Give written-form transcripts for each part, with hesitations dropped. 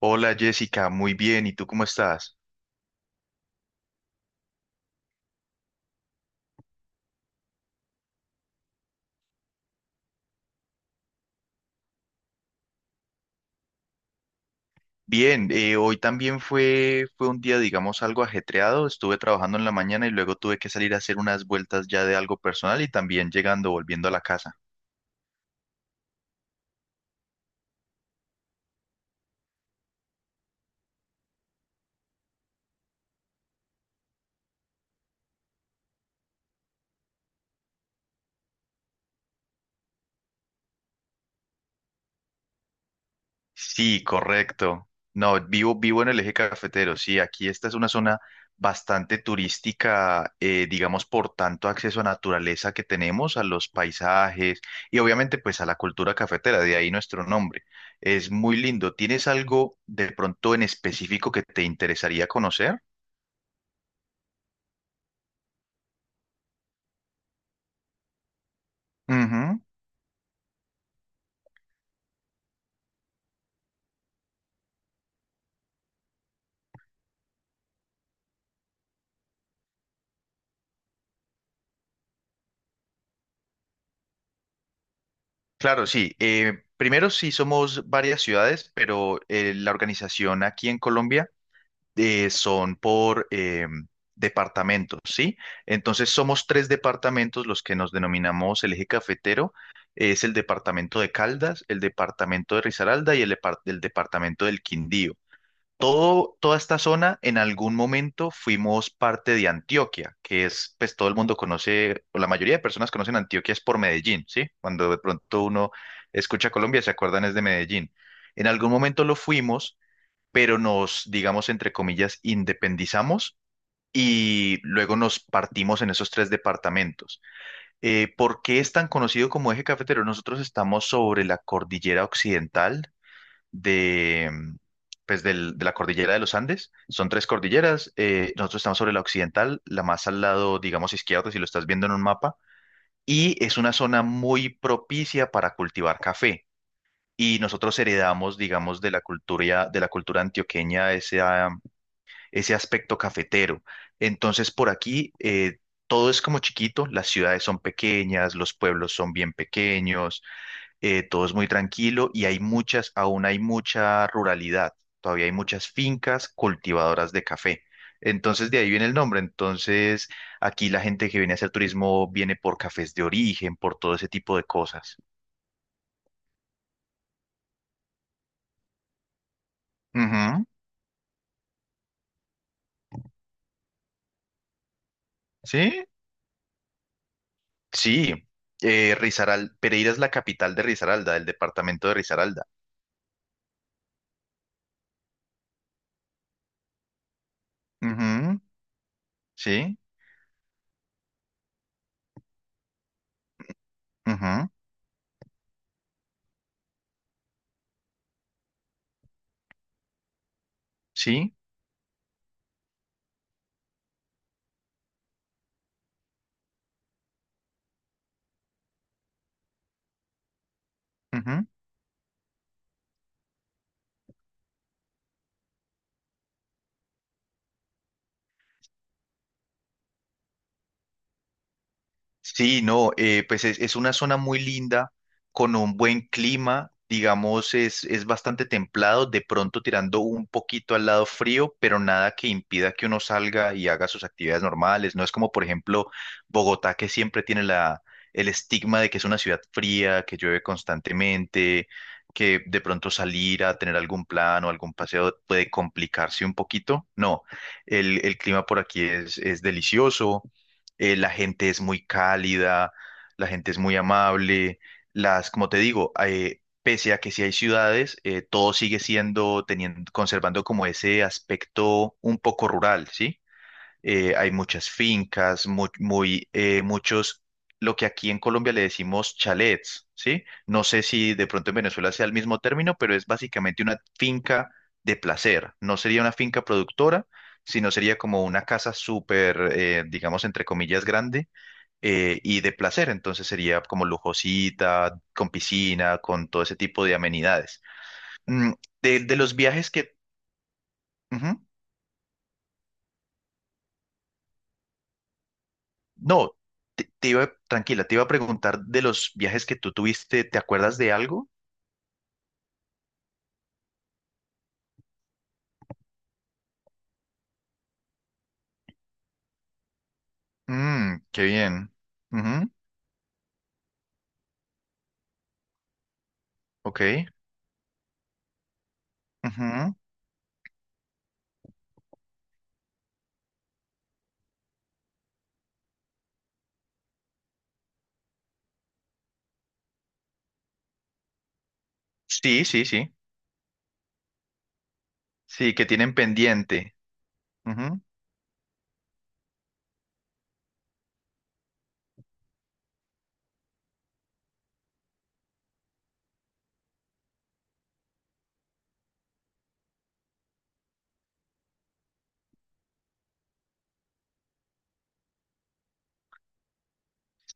Hola Jessica, muy bien. ¿Y tú cómo estás? Bien, hoy también fue un día, digamos, algo ajetreado. Estuve trabajando en la mañana y luego tuve que salir a hacer unas vueltas ya de algo personal y también llegando, volviendo a la casa. Sí, correcto. No, vivo en el eje cafetero. Sí, aquí esta es una zona bastante turística, digamos, por tanto acceso a naturaleza que tenemos, a los paisajes y obviamente pues a la cultura cafetera, de ahí nuestro nombre. Es muy lindo. ¿Tienes algo de pronto en específico que te interesaría conocer? Ujú. Claro, sí. Primero sí somos varias ciudades, pero la organización aquí en Colombia son por departamentos, ¿sí? Entonces somos tres departamentos los que nos denominamos el eje cafetero. Es el departamento de Caldas, el departamento de Risaralda y el departamento del Quindío. Toda esta zona en algún momento fuimos parte de Antioquia, que es, pues todo el mundo conoce, o la mayoría de personas conocen Antioquia es por Medellín, ¿sí? Cuando de pronto uno escucha Colombia, se acuerdan es de Medellín. En algún momento lo fuimos, pero nos, digamos, entre comillas, independizamos y luego nos partimos en esos tres departamentos. ¿por qué es tan conocido como eje cafetero? Nosotros estamos sobre la cordillera occidental de, mm, pues del- de la cordillera de los Andes. Son tres cordilleras. Nosotros estamos sobre la occidental, la más al lado, digamos, izquierdo, si lo estás viendo en un mapa. Y es una zona muy propicia para cultivar café. Y nosotros heredamos, digamos, de la cultura antioqueña ese aspecto cafetero. Entonces, por aquí todo es como chiquito, las ciudades son pequeñas, los pueblos son bien pequeños, todo es muy tranquilo y hay aún hay mucha ruralidad, todavía hay muchas fincas cultivadoras de café. Entonces, de ahí viene el nombre. Entonces, aquí la gente que viene a hacer turismo viene por cafés de origen, por todo ese tipo de cosas. Ujú. ¿Sí? Sí. Pereira es la capital de Risaralda, del departamento de Risaralda. Ujú. Sí, ujú, sí, ujú. Sí, no, pues es una zona muy linda, con un buen clima, digamos, es bastante templado, de pronto tirando un poquito al lado frío, pero nada que impida que uno salga y haga sus actividades normales. No es como, por ejemplo, Bogotá, que siempre tiene el estigma de que es una ciudad fría, que llueve constantemente, que de pronto salir a tener algún plan o algún paseo puede complicarse un poquito. No, el clima por aquí es delicioso. La gente es muy cálida, la gente es muy amable, las, como te digo, pese a que sí hay ciudades, todo sigue siendo, teniendo, conservando como ese aspecto un poco rural, ¿sí? Hay muchas fincas, muy, muchos, lo que aquí en Colombia le decimos chalets, ¿sí? No sé si de pronto en Venezuela sea el mismo término, pero es básicamente una finca de placer. No sería una finca productora, sino sería como una casa súper, digamos, entre comillas, grande, y de placer. Entonces sería como lujosita, con piscina, con todo ese tipo de amenidades. Mm, de los viajes que... Ujú. No, te iba, tranquila, te iba a preguntar de los viajes que tú tuviste, ¿te acuerdas de algo? Mm, qué bien. Ujú, ok. Ujú. Sí, sí, sí. Sí, que tienen pendiente. Ujú.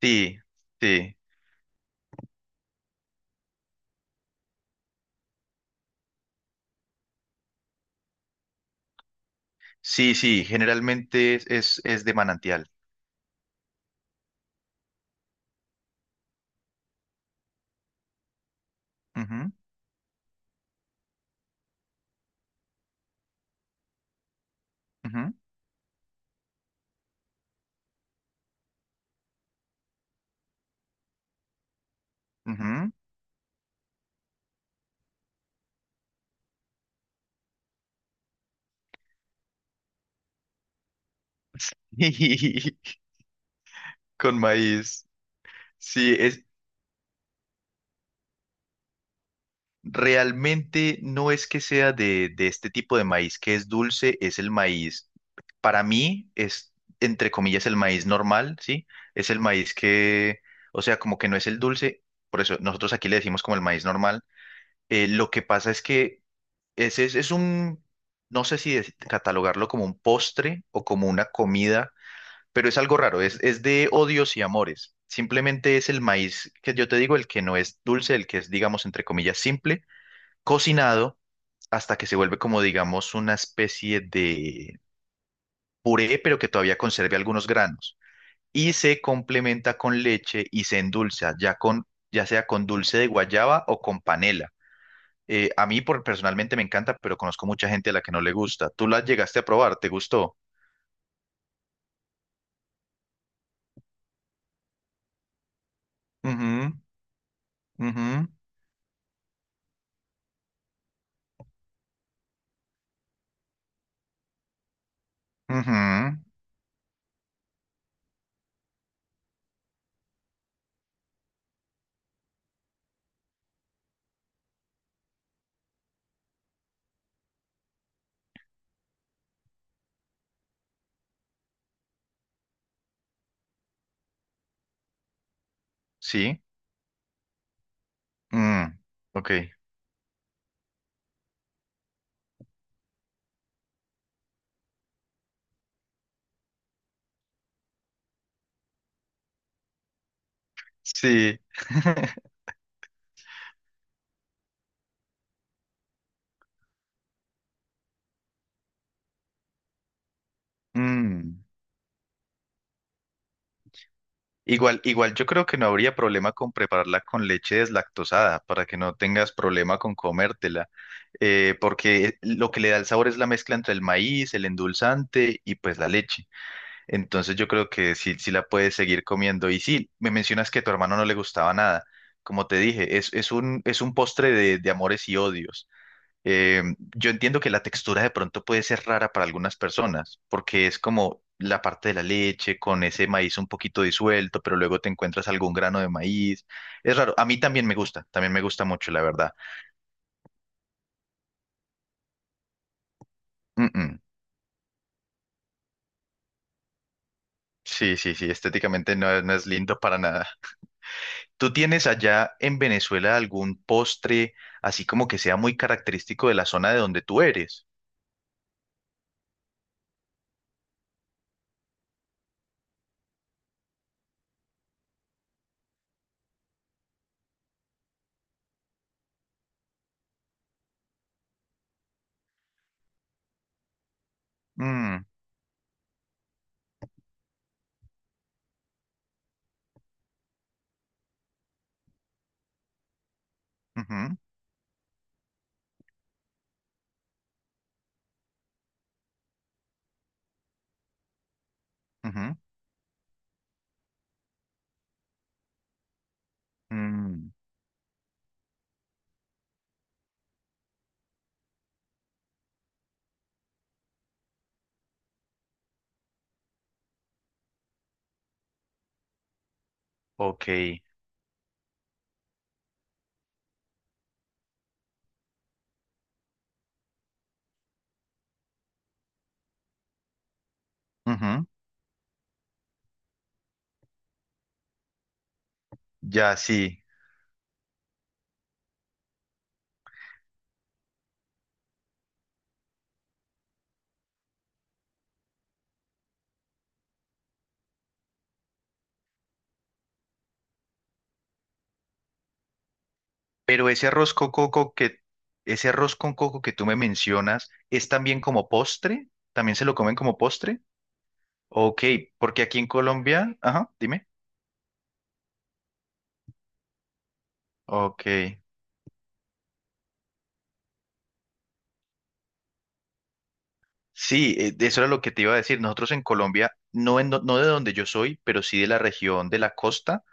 Sí, sí. Sí, sí, generalmente es de manantial. Ujú, ujú, ujú. Con maíz. Sí, es realmente no es que sea de este tipo de maíz que es dulce, es el maíz. Para mí es, entre comillas, el maíz normal, ¿sí? Es el maíz que, o sea, como que no es el dulce, por eso nosotros aquí le decimos como el maíz normal. Lo que pasa es que ese es un, no sé si catalogarlo como un postre o como una comida, pero es algo raro, es de odios y amores. Simplemente es el maíz que yo te digo, el que no es dulce, el que es, digamos, entre comillas, simple, cocinado hasta que se vuelve como, digamos, una especie de puré, pero que todavía conserve algunos granos. Y se complementa con leche y se endulza, ya sea con dulce de guayaba o con panela. A mí personalmente me encanta, pero conozco mucha gente a la que no le gusta. ¿Tú la llegaste a probar? ¿Te gustó? Ujú, ujú, ujú, sí. Mm, ok. Sí. Mm. Igual, igual yo creo que no habría problema con prepararla con leche deslactosada para que no tengas problema con comértela, porque lo que le da el sabor es la mezcla entre el maíz, el endulzante y pues la leche. Entonces yo creo que sí, sí la puedes seguir comiendo. Y sí, me mencionas que a tu hermano no le gustaba nada. Como te dije, es un postre de amores y odios. Eh, yo entiendo que la textura de pronto puede ser rara para algunas personas, porque es como la parte de la leche con ese maíz un poquito disuelto, pero luego te encuentras algún grano de maíz. Es raro. A mí también me gusta mucho, la verdad. Mm-mm. Sí, sí, sí, estéticamente no, no es lindo para nada. ¿Tú tienes allá en Venezuela algún postre así como que sea muy característico de la zona de donde tú eres? Mm, ujú, ujú, mm, ok. Ujú. Ya, sí. Pero ese arroz con coco que tú me mencionas, ¿es también como postre? ¿También se lo comen como postre? Ok, porque aquí en Colombia, ajá, dime. Ok. Sí, de eso era lo que te iba a decir. Nosotros en Colombia, no, no de donde yo soy, pero sí de la región de la costa,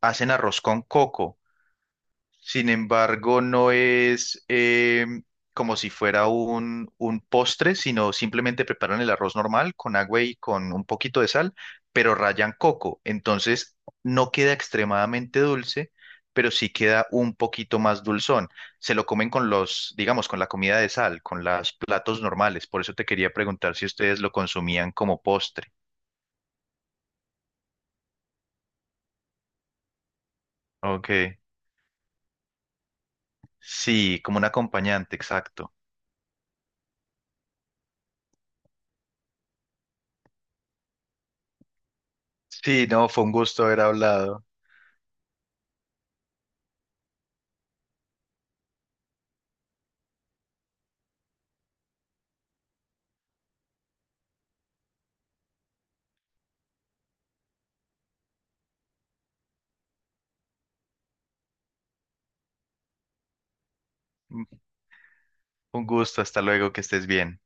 hacen arroz con coco. Sin embargo, no es como si fuera un postre, sino simplemente preparan el arroz normal con agua y con un poquito de sal, pero rayan coco. Entonces, no queda extremadamente dulce, pero sí queda un poquito más dulzón. Se lo comen con los, digamos, con la comida de sal, con los platos normales. Por eso te quería preguntar si ustedes lo consumían como postre. Ok. Sí, como un acompañante, exacto. Sí, no, fue un gusto haber hablado. Un gusto, hasta luego, que estés bien.